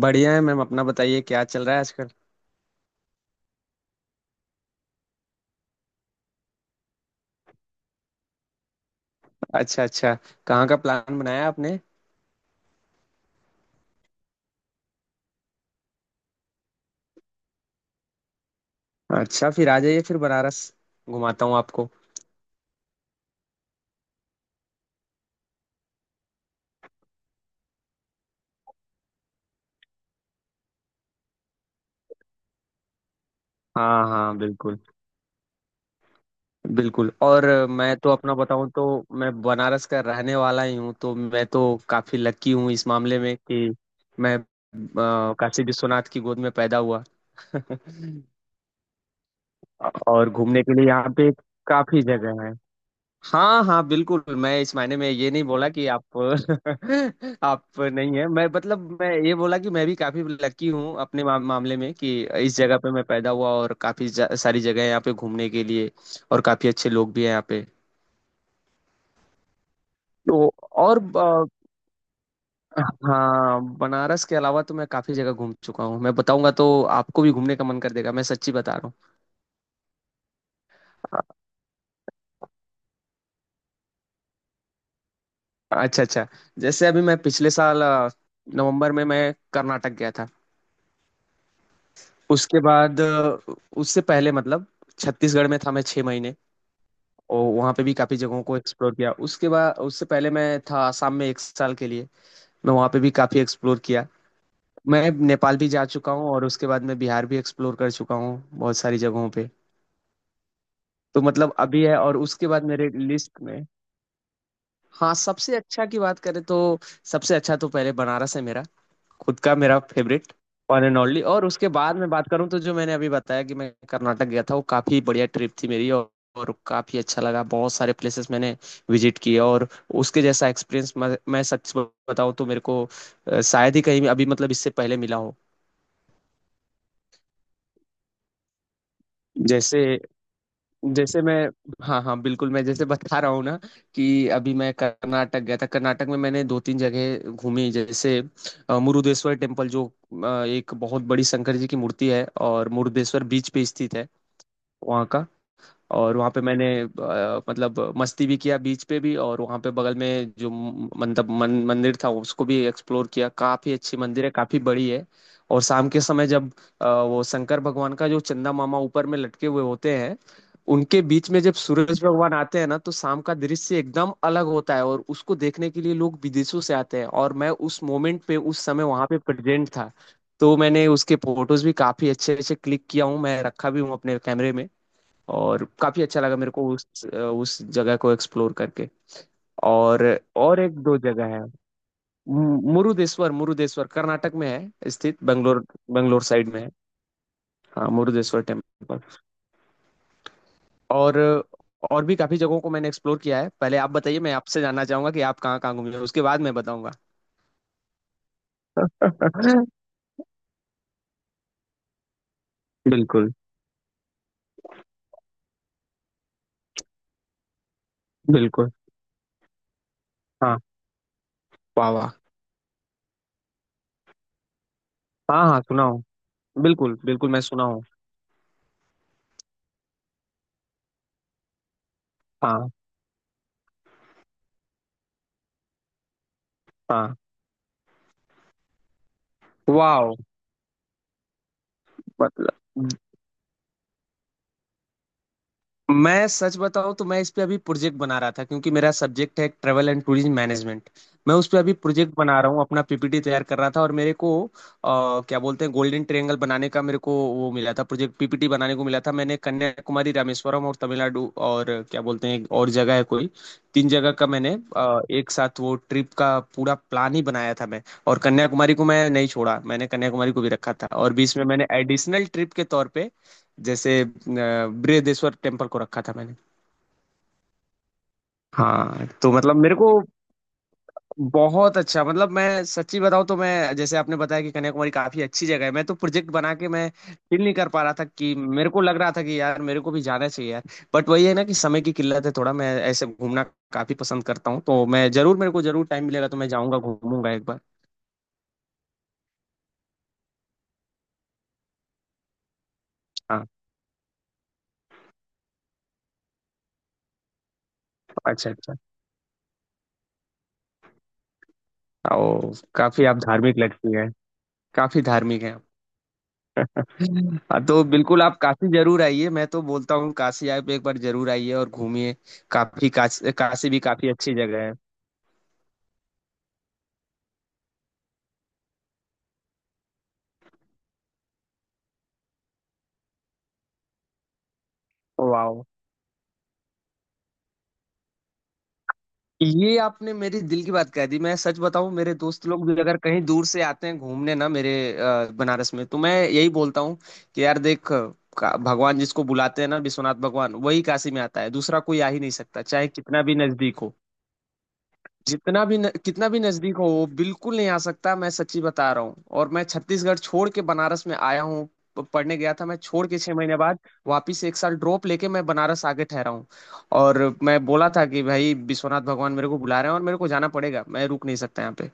बढ़िया है मैम अपना बताइए क्या चल रहा है आजकल। अच्छा अच्छा। कहाँ का प्लान बनाया आपने? अच्छा फिर आ जाइए फिर बनारस घुमाता हूँ आपको। हाँ हाँ बिल्कुल बिल्कुल। और मैं तो अपना बताऊँ तो मैं बनारस का रहने वाला ही हूँ तो मैं तो काफी लकी हूँ इस मामले में कि मैं काशी विश्वनाथ की गोद में पैदा हुआ। और घूमने के लिए यहाँ पे काफी जगह है। हाँ हाँ बिल्कुल मैं इस मायने में ये नहीं बोला कि आप आप नहीं है मैं मतलब मैं ये बोला कि मैं भी काफी लकी हूँ अपने मामले में कि इस जगह पे मैं पैदा हुआ और काफी सारी जगह है यहाँ पे घूमने के लिए। और काफी अच्छे लोग भी हैं यहाँ पे। तो और अ, हाँ बनारस के अलावा तो मैं काफी जगह घूम चुका हूँ मैं बताऊंगा तो आपको भी घूमने का मन कर देगा मैं सच्ची बता रहा हूँ। अच्छा अच्छा। जैसे अभी मैं पिछले साल नवंबर में मैं कर्नाटक गया था। उसके बाद उससे पहले मतलब छत्तीसगढ़ में था मैं 6 महीने। और वहाँ पे भी काफ़ी जगहों को एक्सप्लोर किया उसके बाद उससे पहले मैं था आसाम में एक साल के लिए। मैं वहाँ पे भी काफ़ी एक्सप्लोर किया। मैं नेपाल भी जा चुका हूँ और उसके बाद मैं बिहार भी एक्सप्लोर कर चुका हूँ बहुत सारी जगहों पे। तो मतलब अभी है और उसके बाद मेरे लिस्ट में। हाँ सबसे अच्छा की बात करें तो सबसे अच्छा तो पहले बनारस है मेरा खुद का मेरा फेवरेट वन एंड ओनली। और उसके बाद मैं बात करूं तो जो मैंने अभी बताया कि मैं कर्नाटक गया था वो काफ़ी बढ़िया ट्रिप थी मेरी और काफ़ी अच्छा लगा बहुत सारे प्लेसेस मैंने विजिट किए और उसके जैसा एक्सपीरियंस मैं सच बताऊं तो मेरे को शायद ही कहीं अभी मतलब इससे पहले मिला हो। जैसे जैसे मैं हाँ हाँ बिल्कुल मैं जैसे बता रहा हूँ ना कि अभी मैं कर्नाटक गया था कर्नाटक में मैंने दो तीन जगह घूमी जैसे मुरुदेश्वर टेम्पल जो एक बहुत बड़ी शंकर जी की मूर्ति है और मुरुदेश्वर बीच पे स्थित है वहाँ का। और वहाँ पे मैंने मतलब मस्ती भी किया बीच पे भी और वहाँ पे बगल में जो मंदिर था उसको भी एक्सप्लोर किया काफी अच्छी मंदिर है काफी बड़ी है। और शाम के समय जब वो शंकर भगवान का जो चंदा मामा ऊपर में लटके हुए होते हैं उनके बीच में जब सूरज भगवान आते हैं ना तो शाम का दृश्य एकदम अलग होता है और उसको देखने के लिए लोग विदेशों से आते हैं और मैं उस मोमेंट पे उस समय वहां पे प्रेजेंट था। तो मैंने उसके फोटोज भी काफी अच्छे अच्छे क्लिक किया हूँ मैं रखा भी हूँ अपने कैमरे में। और काफी अच्छा लगा मेरे को उस जगह को एक्सप्लोर करके। और और एक दो जगह है मुरुदेश्वर मुरुदेश्वर कर्नाटक में है स्थित बेंगलोर बेंगलोर साइड में है। हाँ मुरुदेश्वर टेम्पल। और और भी काफी जगहों को मैंने एक्सप्लोर किया है पहले आप बताइए मैं आपसे जानना चाहूंगा कि आप कहाँ कहाँ घूमे हो, उसके बाद मैं बताऊंगा। बिल्कुल बिल्कुल। हाँ वाह वाह। हाँ हाँ सुना हूँ। बिल्कुल बिल्कुल मैं सुना हूँ। हाँ हाँ वाह। मतलब मैं सच बताऊं तो मैं इस पे अभी प्रोजेक्ट बना रहा था क्योंकि मेरा सब्जेक्ट है ट्रैवल एंड टूरिज्म मैनेजमेंट। मैं उस पे अभी प्रोजेक्ट बना रहा हूँ अपना पीपीटी तैयार कर रहा था और मेरे को क्या बोलते हैं गोल्डन ट्रायंगल बनाने का मेरे को वो मिला था प्रोजेक्ट पीपीटी बनाने को मिला था मैंने कन्याकुमारी रामेश्वरम और तमिलनाडु और क्या बोलते हैं एक और जगह है कोई तीन जगह का मैंने एक साथ वो ट्रिप का पूरा प्लान ही बनाया था मैं। और कन्याकुमारी को मैं नहीं छोड़ा मैंने कन्याकुमारी को भी रखा था और बीच में मैंने एडिशनल ट्रिप के तौर पे जैसे बृहदेश्वर टेम्पल को रखा था मैंने। हाँ तो मतलब मेरे को बहुत अच्छा मतलब मैं सच्ची बताऊं तो मैं जैसे आपने बताया कि कन्याकुमारी काफी अच्छी जगह है मैं तो प्रोजेक्ट बना के मैं फील नहीं कर पा रहा था कि मेरे को लग रहा था कि यार मेरे को भी जाना चाहिए यार। बट वही है ना कि समय की किल्लत है थोड़ा मैं ऐसे घूमना काफी पसंद करता हूँ तो मैं जरूर मेरे को जरूर टाइम मिलेगा तो मैं जाऊंगा घूमूंगा एक बार। हाँ अच्छा अच्छा। ओ काफी आप धार्मिक लगती है काफी धार्मिक है। हाँ, तो बिल्कुल आप काशी जरूर आइए मैं तो बोलता हूँ काशी आप एक बार जरूर आइए और घूमिए काफी काशी काशी भी काफी अच्छी जगह है। वाह। ये आपने मेरी दिल की बात कह दी मैं सच बताऊं मेरे दोस्त लोग भी अगर कहीं दूर से आते हैं घूमने ना मेरे बनारस में तो मैं यही बोलता हूँ कि यार भगवान जिसको बुलाते हैं ना विश्वनाथ भगवान वही काशी में आता है दूसरा कोई आ ही नहीं सकता चाहे कितना भी नजदीक हो। जितना भी न, कितना भी नजदीक हो वो बिल्कुल नहीं आ सकता मैं सच्ची बता रहा हूँ। और मैं छत्तीसगढ़ छोड़ के बनारस में आया हूँ पढ़ने गया था मैं छोड़ के 6 महीने बाद वापिस एक साल ड्रॉप लेके मैं बनारस आके ठहरा हूँ। और मैं बोला था कि भाई विश्वनाथ भगवान मेरे को बुला रहे हैं और मेरे को जाना पड़ेगा मैं रुक नहीं सकता यहाँ पे।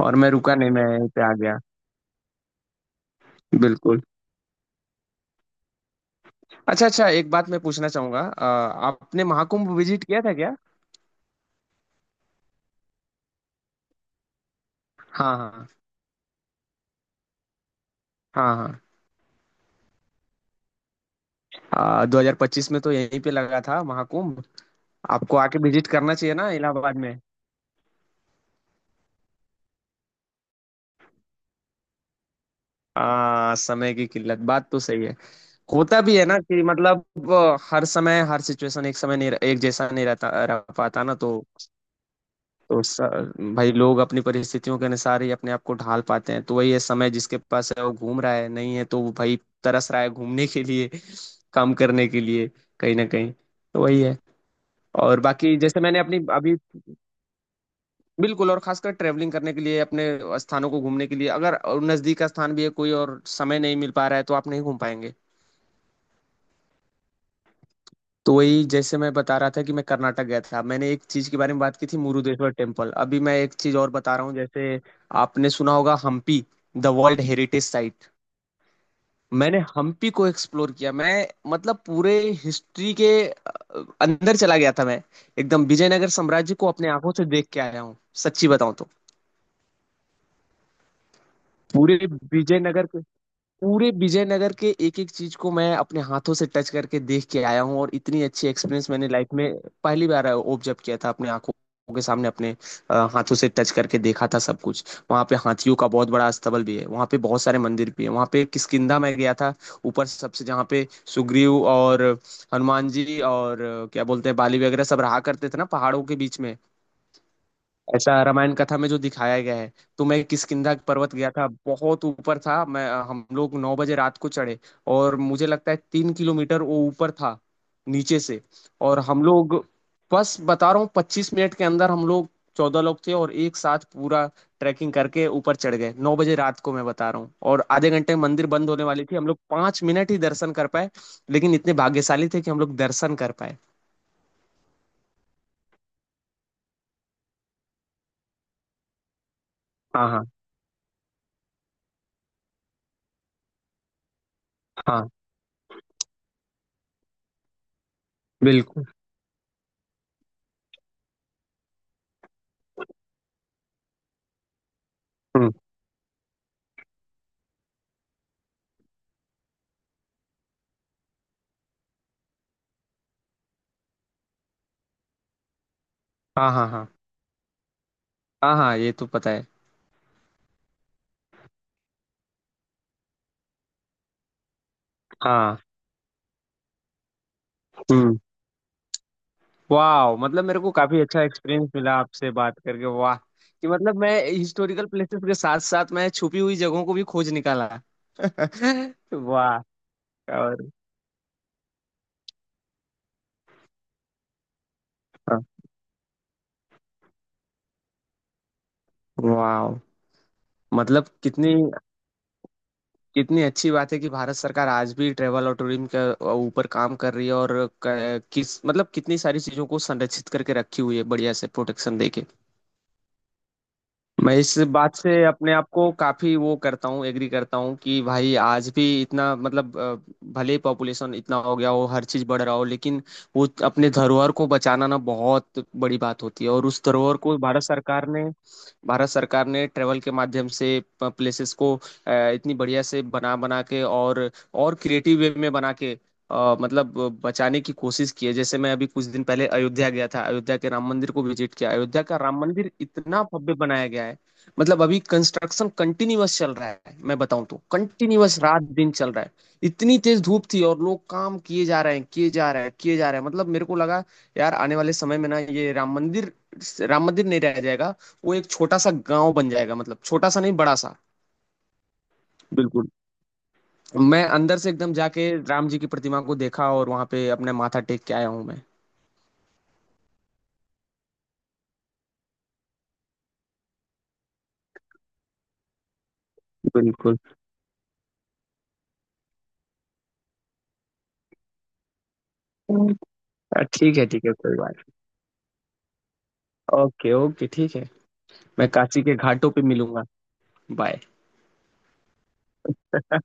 और मैं रुका नहीं मैं यहीं पे आ गया। बिल्कुल। अच्छा अच्छा एक बात मैं पूछना चाहूंगा आपने महाकुंभ विजिट किया था क्या? हाँ हाँ हाँ। हाँ 2025 में तो यहीं पे लगा था महाकुंभ आपको आके विजिट करना चाहिए ना इलाहाबाद में। समय की किल्लत बात तो सही है होता भी है ना कि मतलब हर समय हर सिचुएशन एक समय नहीं एक जैसा नहीं रहता रह पाता ना। तो तो स, भाई लोग अपनी परिस्थितियों के अनुसार ही अपने आप को ढाल पाते हैं तो वही है समय जिसके पास है वो घूम रहा है नहीं है तो वो भाई तरस रहा है घूमने के लिए काम करने के लिए कहीं ना कहीं तो वही है। और बाकी जैसे मैंने अपनी अभी बिल्कुल और खासकर ट्रैवलिंग करने के लिए अपने स्थानों को घूमने के लिए अगर नज़दीक का स्थान भी है कोई और समय नहीं मिल पा रहा है तो आप नहीं घूम पाएंगे। तो वही जैसे मैं बता रहा था कि मैं कर्नाटक गया था मैंने एक चीज के बारे में बात की थी मुरुदेश्वर टेम्पल अभी मैं एक चीज और बता रहा हूँ जैसे आपने सुना होगा Hampi the world heritage site. मैंने हम्पी को एक्सप्लोर किया मैं मतलब पूरे हिस्ट्री के अंदर चला गया था मैं एकदम विजयनगर साम्राज्य को अपने आंखों से देख के आया हूँ सच्ची बताऊं तो। पूरे विजयनगर के पूरे विजयनगर के एक एक चीज को मैं अपने हाथों से टच करके देख के आया हूँ और इतनी अच्छी एक्सपीरियंस मैंने लाइफ में पहली बार ऑब्जर्व किया था अपने आंखों के सामने अपने हाथों से टच करके देखा था सब कुछ। वहाँ पे हाथियों का बहुत बड़ा अस्तबल भी है वहाँ पे बहुत सारे मंदिर भी है वहाँ पे किष्किंधा में गया था ऊपर सबसे जहाँ पे सुग्रीव और हनुमान जी और क्या बोलते हैं बाली वगैरह सब रहा करते थे ना पहाड़ों के बीच में ऐसा रामायण कथा में जो दिखाया गया है। तो मैं किष्किंधा पर्वत गया था बहुत ऊपर था मैं हम लोग 9 बजे रात को चढ़े और मुझे लगता है 3 किलोमीटर वो ऊपर था नीचे से। और हम लोग बस बता रहा हूँ 25 मिनट के अंदर हम लोग 14 लोग थे और एक साथ पूरा ट्रैकिंग करके ऊपर चढ़ गए 9 बजे रात को मैं बता रहा हूँ और आधे घंटे में मंदिर बंद होने वाली थी हम लोग 5 मिनट ही दर्शन कर पाए लेकिन इतने भाग्यशाली थे कि हम लोग दर्शन कर पाए। हाँ हाँ हाँ बिल्कुल। हम्म। हाँ हाँ हाँ हाँ हाँ ये तो पता है। हाँ हम्म वाह। मतलब मेरे को काफी अच्छा एक्सपीरियंस मिला आपसे बात करके वाह कि मतलब मैं हिस्टोरिकल प्लेसेस के साथ साथ मैं छुपी हुई जगहों को भी खोज निकाला। वाह। और वाह मतलब कितनी कितनी अच्छी बात है कि भारत सरकार आज भी ट्रेवल और टूरिज्म के ऊपर काम कर रही है और किस मतलब कितनी सारी चीजों को संरक्षित करके रखी हुई है बढ़िया से प्रोटेक्शन देके। मैं इस बात से अपने आप को काफी वो करता हूँ एग्री करता हूँ कि भाई आज भी इतना मतलब भले पॉपुलेशन इतना हो गया हो हर चीज बढ़ रहा हो लेकिन वो अपने धरोहर को बचाना ना बहुत बड़ी बात होती है और उस धरोहर को भारत सरकार ने ट्रेवल के माध्यम से प्लेसेस को इतनी बढ़िया से बना बना के और क्रिएटिव वे में बना के मतलब बचाने की कोशिश की है। जैसे मैं अभी कुछ दिन पहले अयोध्या गया था अयोध्या के राम मंदिर को विजिट किया अयोध्या का राम मंदिर इतना भव्य बनाया गया है मतलब अभी कंस्ट्रक्शन कंटिन्यूअस चल रहा है मैं बताऊं तो कंटिन्यूअस रात दिन चल रहा है। इतनी तेज धूप थी और लोग काम किए जा रहे हैं किए जा रहे हैं किए जा रहे हैं मतलब मेरे को लगा यार आने वाले समय में ना ये राम मंदिर नहीं रह जाएगा वो एक छोटा सा गांव बन जाएगा मतलब छोटा सा नहीं बड़ा सा। बिल्कुल मैं अंदर से एकदम जाके राम जी की प्रतिमा को देखा और वहां पे अपने माथा टेक के आया हूँ मैं। बिल्कुल अ, ठीक है कोई बात ओके ओके ठीक है। मैं काशी के घाटों पे मिलूंगा। बाय।